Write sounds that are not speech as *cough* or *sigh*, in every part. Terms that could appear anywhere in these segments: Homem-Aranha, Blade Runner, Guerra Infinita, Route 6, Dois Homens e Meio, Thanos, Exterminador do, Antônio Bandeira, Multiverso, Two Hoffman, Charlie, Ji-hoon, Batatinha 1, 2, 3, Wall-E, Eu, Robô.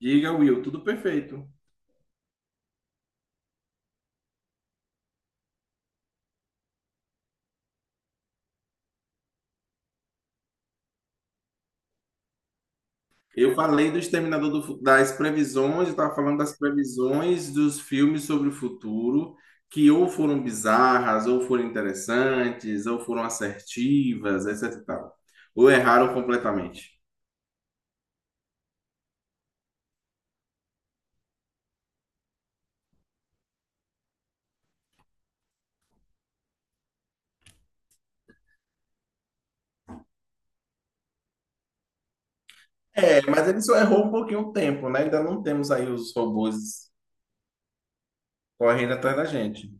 Diga, Will, tudo perfeito. Eu falei do Exterminador do, das previsões. Eu estava falando das previsões dos filmes sobre o futuro, que ou foram bizarras, ou foram interessantes, ou foram assertivas, etc e tal. Ou erraram completamente. É, mas ele só errou um pouquinho o tempo, né? Ainda não temos aí os robôs correndo atrás da gente.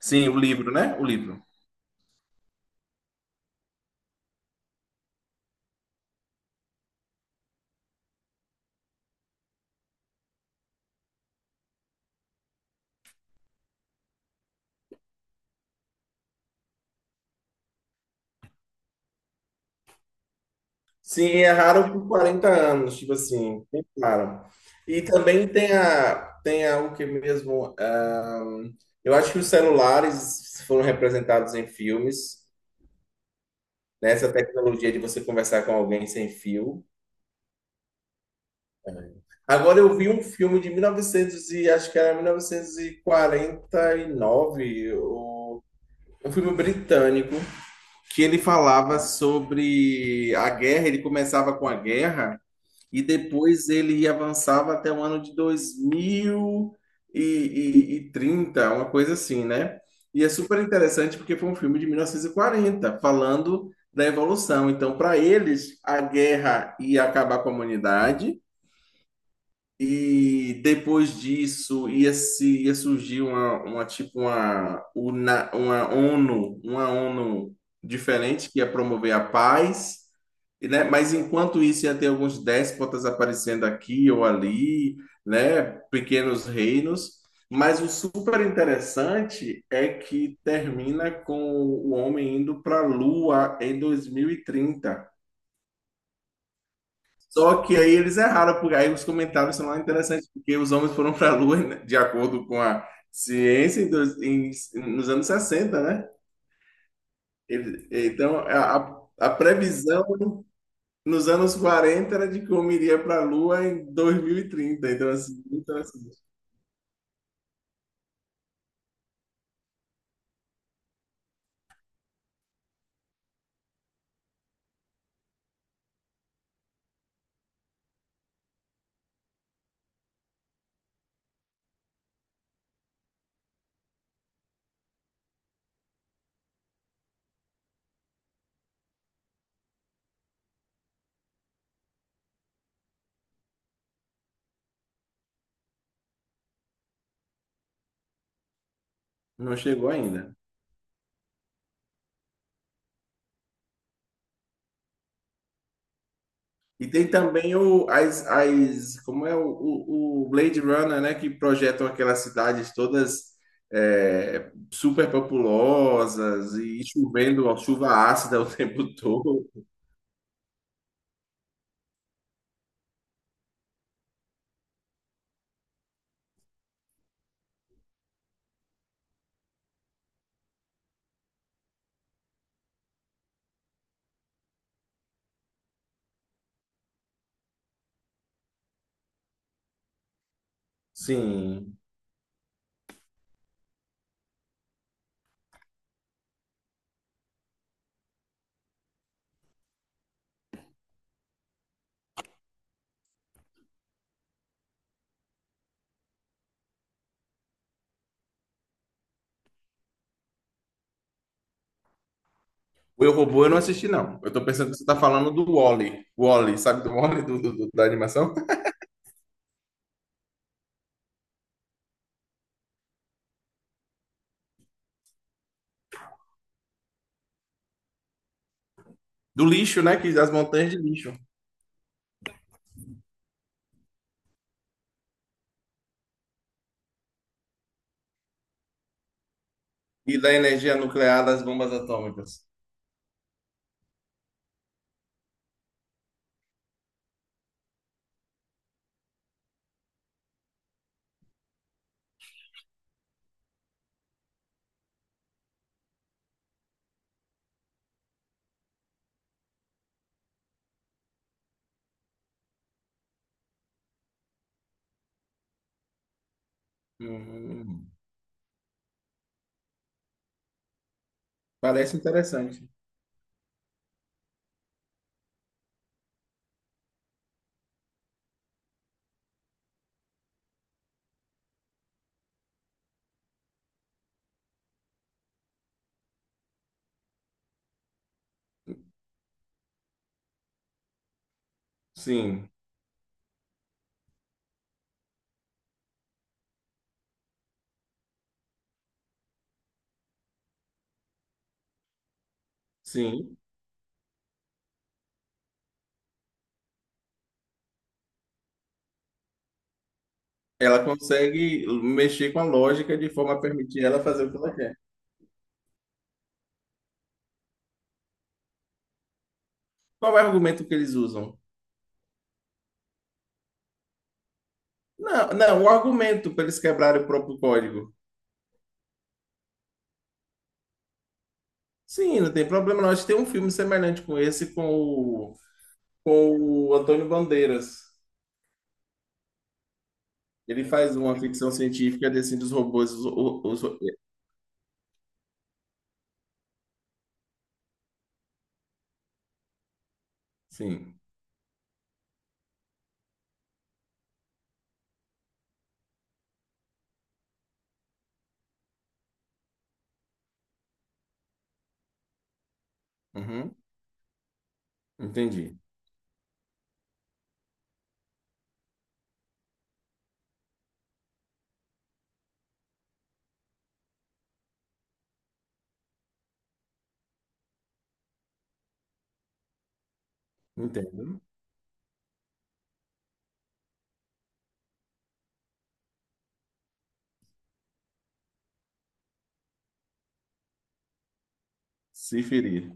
Sim, o livro, né? O livro. Sim, é raro por 40 anos, tipo assim, bem claro. E também o que mesmo, eu acho que os celulares foram representados em filmes, né? Essa tecnologia de você conversar com alguém sem fio. Agora eu vi um filme de 1900 e 900 e acho que era mil novecentos e quarenta e nove, um filme britânico, que ele falava sobre a guerra. Ele começava com a guerra, e depois ele avançava até o ano de 2030, uma coisa assim, né? E é super interessante porque foi um filme de 1940 falando da evolução. Então, para eles, a guerra ia acabar com a humanidade, e depois disso ia, se, ia surgir uma tipo uma ONU diferente que ia promover a paz, e, né? Mas enquanto isso ia ter alguns déspotas aparecendo aqui ou ali, né? Pequenos reinos. Mas o super interessante é que termina com o homem indo para a Lua em 2030. Só que aí eles erraram, porque aí os comentários são lá interessantes, porque os homens foram para a Lua, né, de acordo com a ciência, nos anos 60, né? Então, a previsão nos anos 40 era de que o homem iria para a Lua em 2030. Então, assim, muito interessante. Não chegou ainda. E tem também como é o Blade Runner, né, que projetam aquelas cidades todas, é, super populosas e chovendo, ó, chuva ácida *laughs* o tempo todo. Sim. O Eu, Robô eu não assisti, não. Eu tô pensando que você tá falando do Wall-E. Wall-E, sabe do Wall-E, da animação? Do lixo, né, que das montanhas de lixo. E da energia nuclear das bombas atômicas. Hum, parece interessante. Sim, sim. Ela consegue mexer com a lógica de forma a permitir ela fazer o que ela quer. Qual é o argumento que eles usam? Não, não, o argumento para eles quebrarem o próprio código. Sim, não tem problema. Nós tem um filme semelhante com esse com o Antônio Bandeiras. Ele faz uma ficção científica desse dos robôs. Sim, uhum, entendi. Entendo. Se ferir.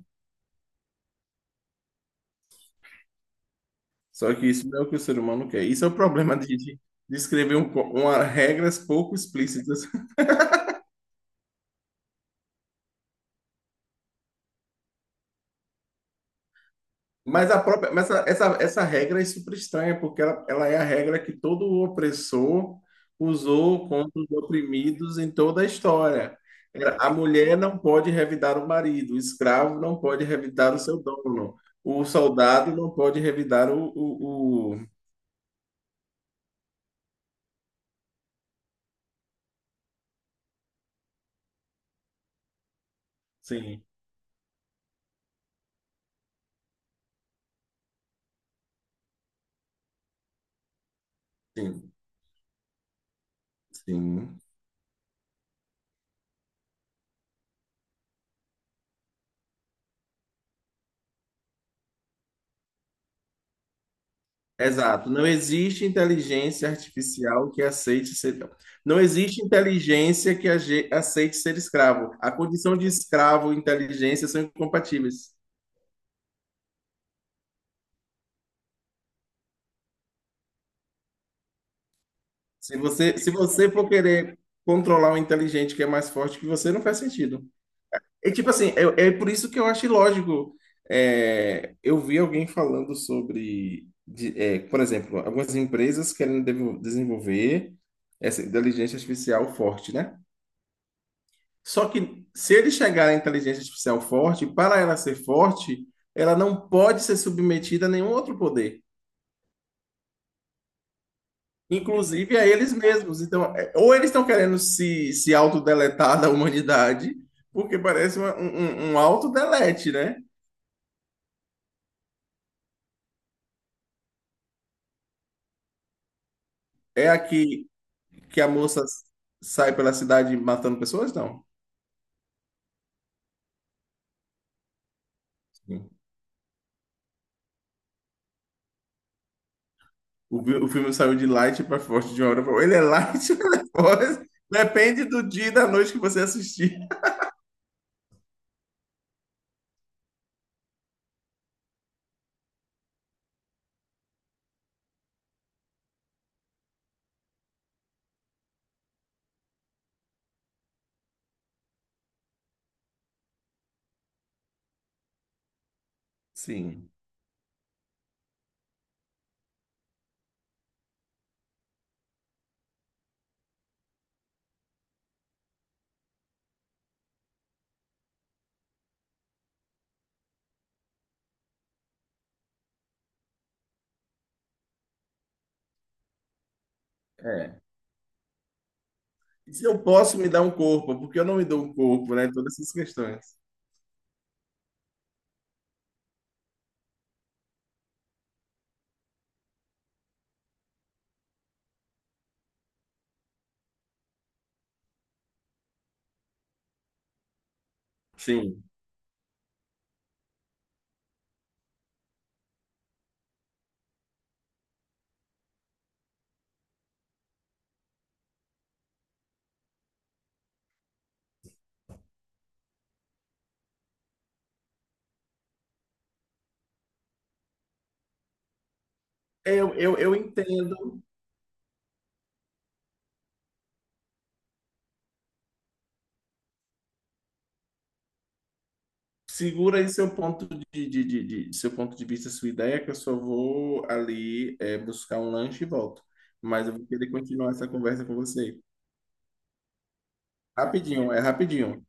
Só que isso não é o que o ser humano quer. Isso é o problema de escrever uma, regras pouco explícitas. Mas a própria, mas essa regra é super estranha, porque ela é a regra que todo opressor usou contra os oprimidos em toda a história. Era, a mulher não pode revidar o marido, o escravo não pode revidar o seu dono, o soldado não pode revidar o... Sim, sim, sim. Exato. Não existe inteligência artificial que aceite ser. Não existe inteligência que aceite ser escravo. A condição de escravo e inteligência são incompatíveis. Se você for querer controlar um inteligente que é mais forte que você, não faz sentido. E tipo assim, é, é por isso que eu acho ilógico. É, eu vi alguém falando sobre, é, por exemplo, algumas empresas querem desenvolver essa inteligência artificial forte, né? Só que se ele chegar à inteligência artificial forte, para ela ser forte, ela não pode ser submetida a nenhum outro poder, inclusive a eles mesmos. Então, é- ou eles estão querendo se autodeletar da humanidade, porque parece um autodelete, né? É aqui que a moça sai pela cidade matando pessoas? Não. Sim. O, o filme saiu de light para forte de uma hora para outra. Ele é light *laughs* ou ele é forte? Depende do dia e da noite que você assistir. Sim. Se eu posso me dar um corpo, porque eu não me dou um corpo, né? Todas essas questões. Sim. Eu entendo. Segura aí seu ponto seu ponto de vista, sua ideia, que eu só vou ali é, buscar um lanche e volto. Mas eu vou querer continuar essa conversa com você. Rapidinho, é rapidinho.